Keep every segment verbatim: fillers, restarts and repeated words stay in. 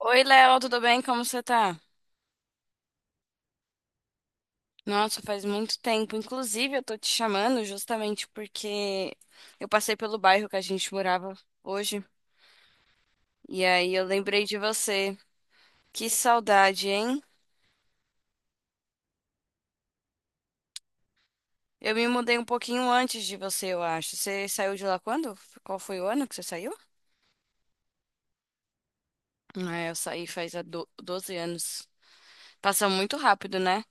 Oi, Léo, tudo bem? Como você tá? Nossa, faz muito tempo. Inclusive, eu tô te chamando justamente porque eu passei pelo bairro que a gente morava hoje. E aí eu lembrei de você. Que saudade, hein? Eu me mudei um pouquinho antes de você, eu acho. Você saiu de lá quando? Qual foi o ano que você saiu? Ah, eu saí faz há do- doze anos. Passa muito rápido, né?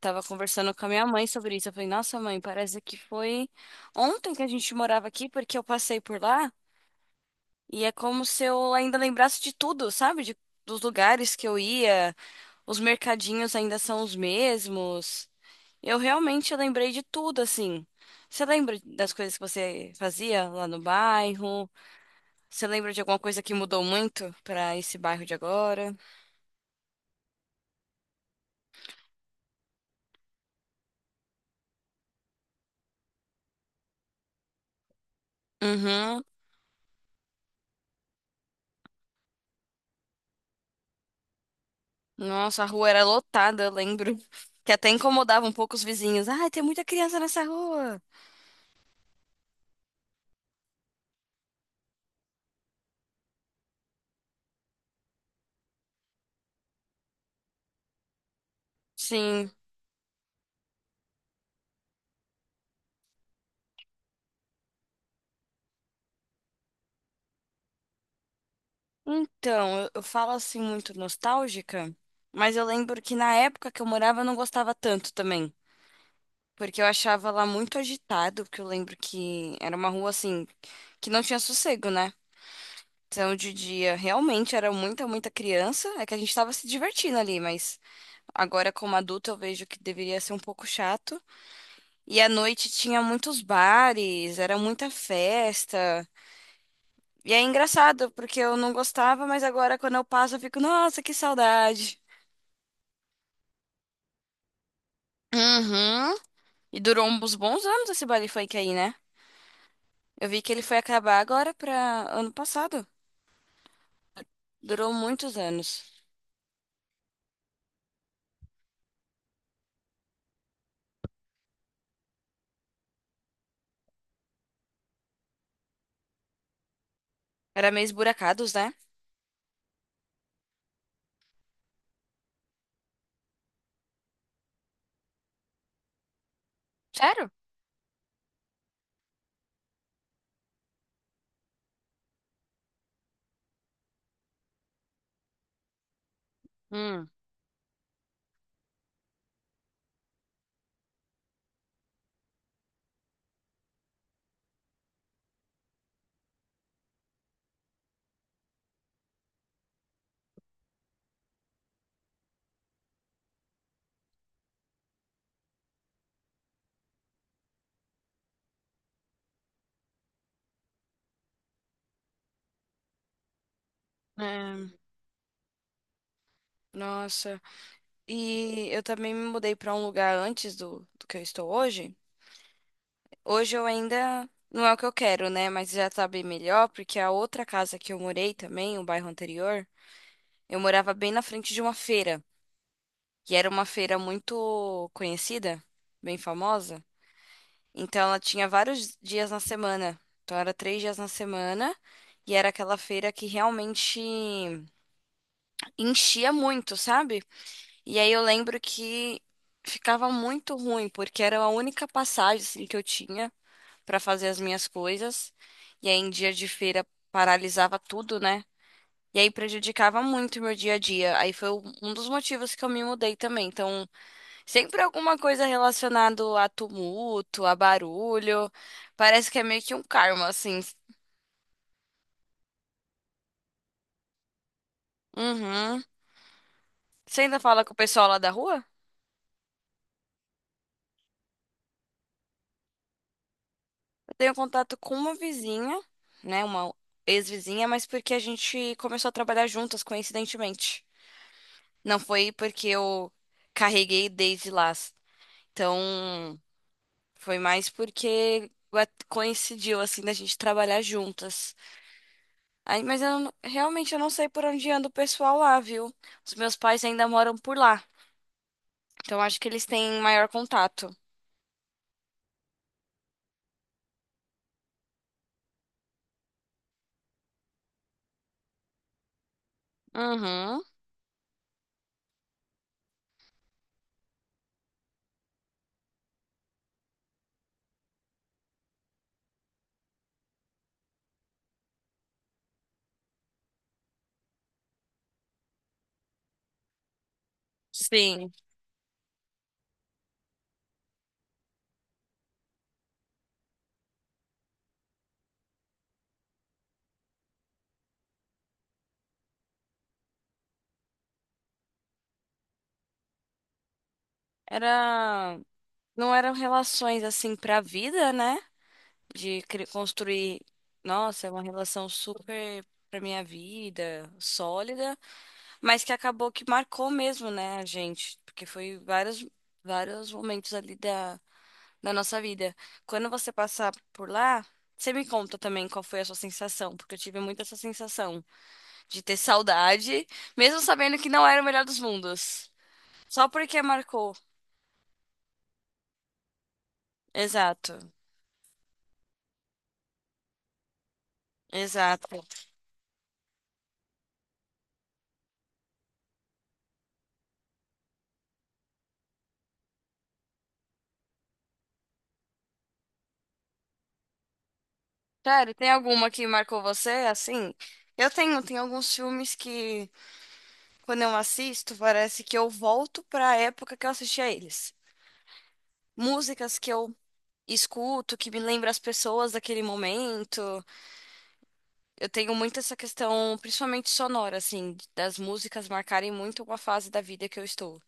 Tava conversando com a minha mãe sobre isso. Eu falei, nossa, mãe, parece que foi ontem que a gente morava aqui, porque eu passei por lá. E é como se eu ainda lembrasse de tudo, sabe? De, dos lugares que eu ia, os mercadinhos ainda são os mesmos. Eu realmente lembrei de tudo, assim. Você lembra das coisas que você fazia lá no bairro? Você lembra de alguma coisa que mudou muito pra esse bairro de agora? Uhum. Nossa, a rua era lotada, eu lembro. Que até incomodava um pouco os vizinhos. Ai, tem muita criança nessa rua. Sim. Então, eu, eu falo assim muito nostálgica, mas eu lembro que na época que eu morava eu não gostava tanto também, porque eu achava lá muito agitado, porque eu lembro que era uma rua assim que não tinha sossego, né? Então, de dia realmente era muita, muita criança, é que a gente tava se divertindo ali, mas agora como adulta eu vejo que deveria ser um pouco chato. E à noite tinha muitos bares, era muita festa. E é engraçado, porque eu não gostava, mas agora quando eu passo eu fico, nossa, que saudade. Uhum. E durou uns bons anos esse baile funk aí, né? Eu vi que ele foi acabar agora pra ano passado. Durou muitos anos. Era meio esburacados, né? Sério? Hum. É, nossa. E eu também me mudei pra um lugar antes do, do que eu estou hoje. Hoje eu ainda não é o que eu quero, né? Mas já tá bem melhor, porque a outra casa que eu morei também, o bairro anterior, eu morava bem na frente de uma feira. E era uma feira muito conhecida, bem famosa. Então ela tinha vários dias na semana. Então era três dias na semana. E era aquela feira que realmente enchia muito, sabe? E aí eu lembro que ficava muito ruim, porque era a única passagem assim, que eu tinha pra fazer as minhas coisas. E aí em dia de feira paralisava tudo, né? E aí prejudicava muito o meu dia a dia. Aí foi um um dos motivos que eu me mudei também. Então sempre alguma coisa relacionada a tumulto, a barulho. Parece que é meio que um karma, assim. Uhum. Você ainda fala com o pessoal lá da rua? Eu tenho contato com uma vizinha, né? Uma ex-vizinha, mas porque a gente começou a trabalhar juntas, coincidentemente. Não foi porque eu carreguei desde lá. Então, foi mais porque gua- coincidiu, assim, da gente trabalhar juntas. Aí, mas eu não- realmente eu não sei por onde anda o pessoal lá, viu? Os meus pais ainda moram por lá. Então acho que eles têm maior contato. Uhum. Sim. Era. Não eram relações assim pra vida, né? De cri- construir. Nossa, é uma relação super pra minha vida, sólida, mas que acabou que marcou mesmo, né, a gente? Porque foi vários, vários momentos ali na nossa vida. Quando você passar por lá, você me conta também qual foi a sua sensação, porque eu tive muito essa sensação de ter saudade, mesmo sabendo que não era o melhor dos mundos. Só porque marcou. Exato, exato. Sério, tem alguma que marcou você assim? Eu tenho, tem alguns filmes que, quando eu assisto, parece que eu volto para a época que eu assistia eles. Músicas que eu escuto, que me lembra as pessoas daquele momento. Eu tenho muito essa questão, principalmente sonora, assim, das músicas marcarem muito uma fase da vida que eu estou.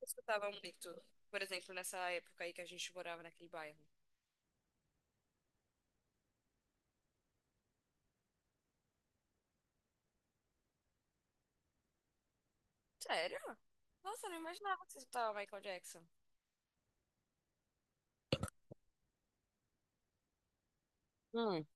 Eu escutava muito, por exemplo, nessa época aí que a gente morava naquele bairro. Sério? Nossa, eu não imaginava que você escutava Michael Jackson. Hum.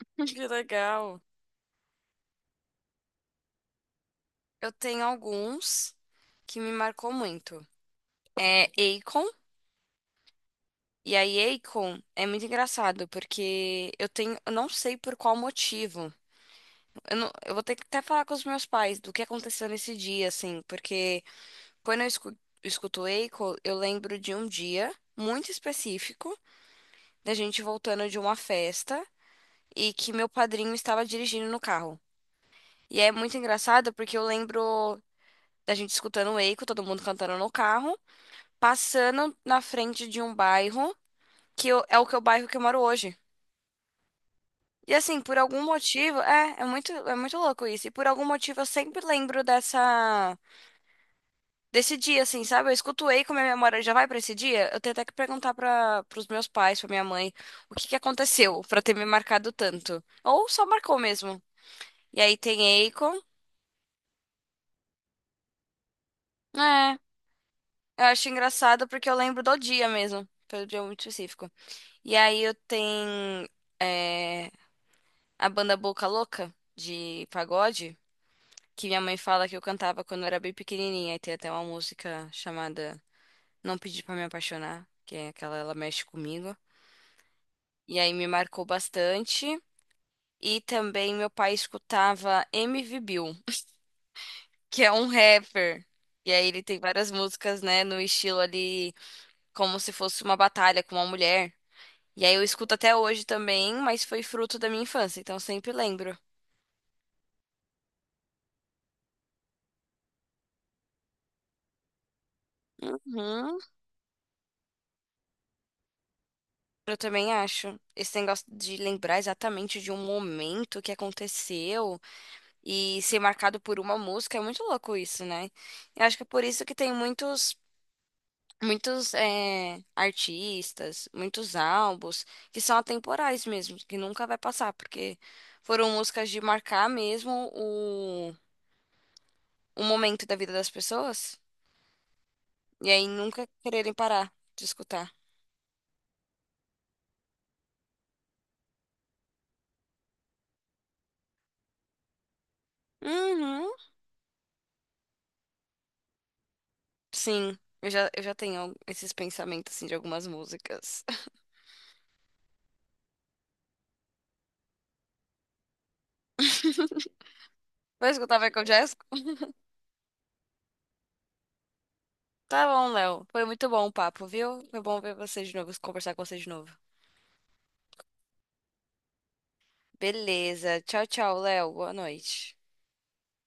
Que legal. Eu tenho alguns que me marcou muito. É Akon. E aí, Akon é muito engraçado, porque eu tenho, eu não sei por qual motivo. Eu, não- eu vou ter que até falar com os meus pais do que aconteceu nesse dia, assim, porque Quando eu escu- escuto Eiko, eu lembro de um dia muito específico da gente voltando de uma festa e que meu padrinho estava dirigindo no carro. E é muito engraçado porque eu lembro da gente escutando Eiko, todo mundo cantando no carro, passando na frente de um bairro que eu- é o que é o bairro que eu moro hoje. E assim, por algum motivo, é, é muito, é muito louco isso. E por algum motivo eu sempre lembro dessa desse dia, assim, sabe? Eu escuto Ei como a minha memória já vai pra esse dia. Eu tenho até que perguntar para os meus pais, pra minha mãe, o que que aconteceu pra ter me marcado tanto. Ou só marcou mesmo. E aí tem Akon. É, eu acho engraçado porque eu lembro do dia mesmo, pelo dia muito específico. E aí eu tenho é, a banda Boca Louca de pagode, que minha mãe fala que eu cantava quando eu era bem pequenininha. E tem até uma música chamada Não Pedi Pra Me Apaixonar, que é aquela, ela mexe comigo. E aí me marcou bastante. E também meu pai escutava M V Bill, que é um rapper. E aí ele tem várias músicas, né, no estilo ali, como se fosse uma batalha com uma mulher. E aí eu escuto até hoje também, mas foi fruto da minha infância, então eu sempre lembro. Uhum, eu também acho. Esse negócio de lembrar exatamente de um momento que aconteceu e ser marcado por uma música é muito louco isso, né? Eu acho que é por isso que tem muitos muitos eh, artistas, muitos álbuns que são atemporais mesmo, que nunca vai passar, porque foram músicas de marcar mesmo o, o momento da vida das pessoas e aí nunca quererem parar de escutar. Uhum. Sim, eu já, eu já tenho al- esses pensamentos assim de algumas músicas. Vai escutar Michael Jackson? Tá bom, Léo. Foi muito bom o papo, viu? Foi bom ver você de novo, conversar com você de novo. Beleza. Tchau, tchau, Léo. Boa noite.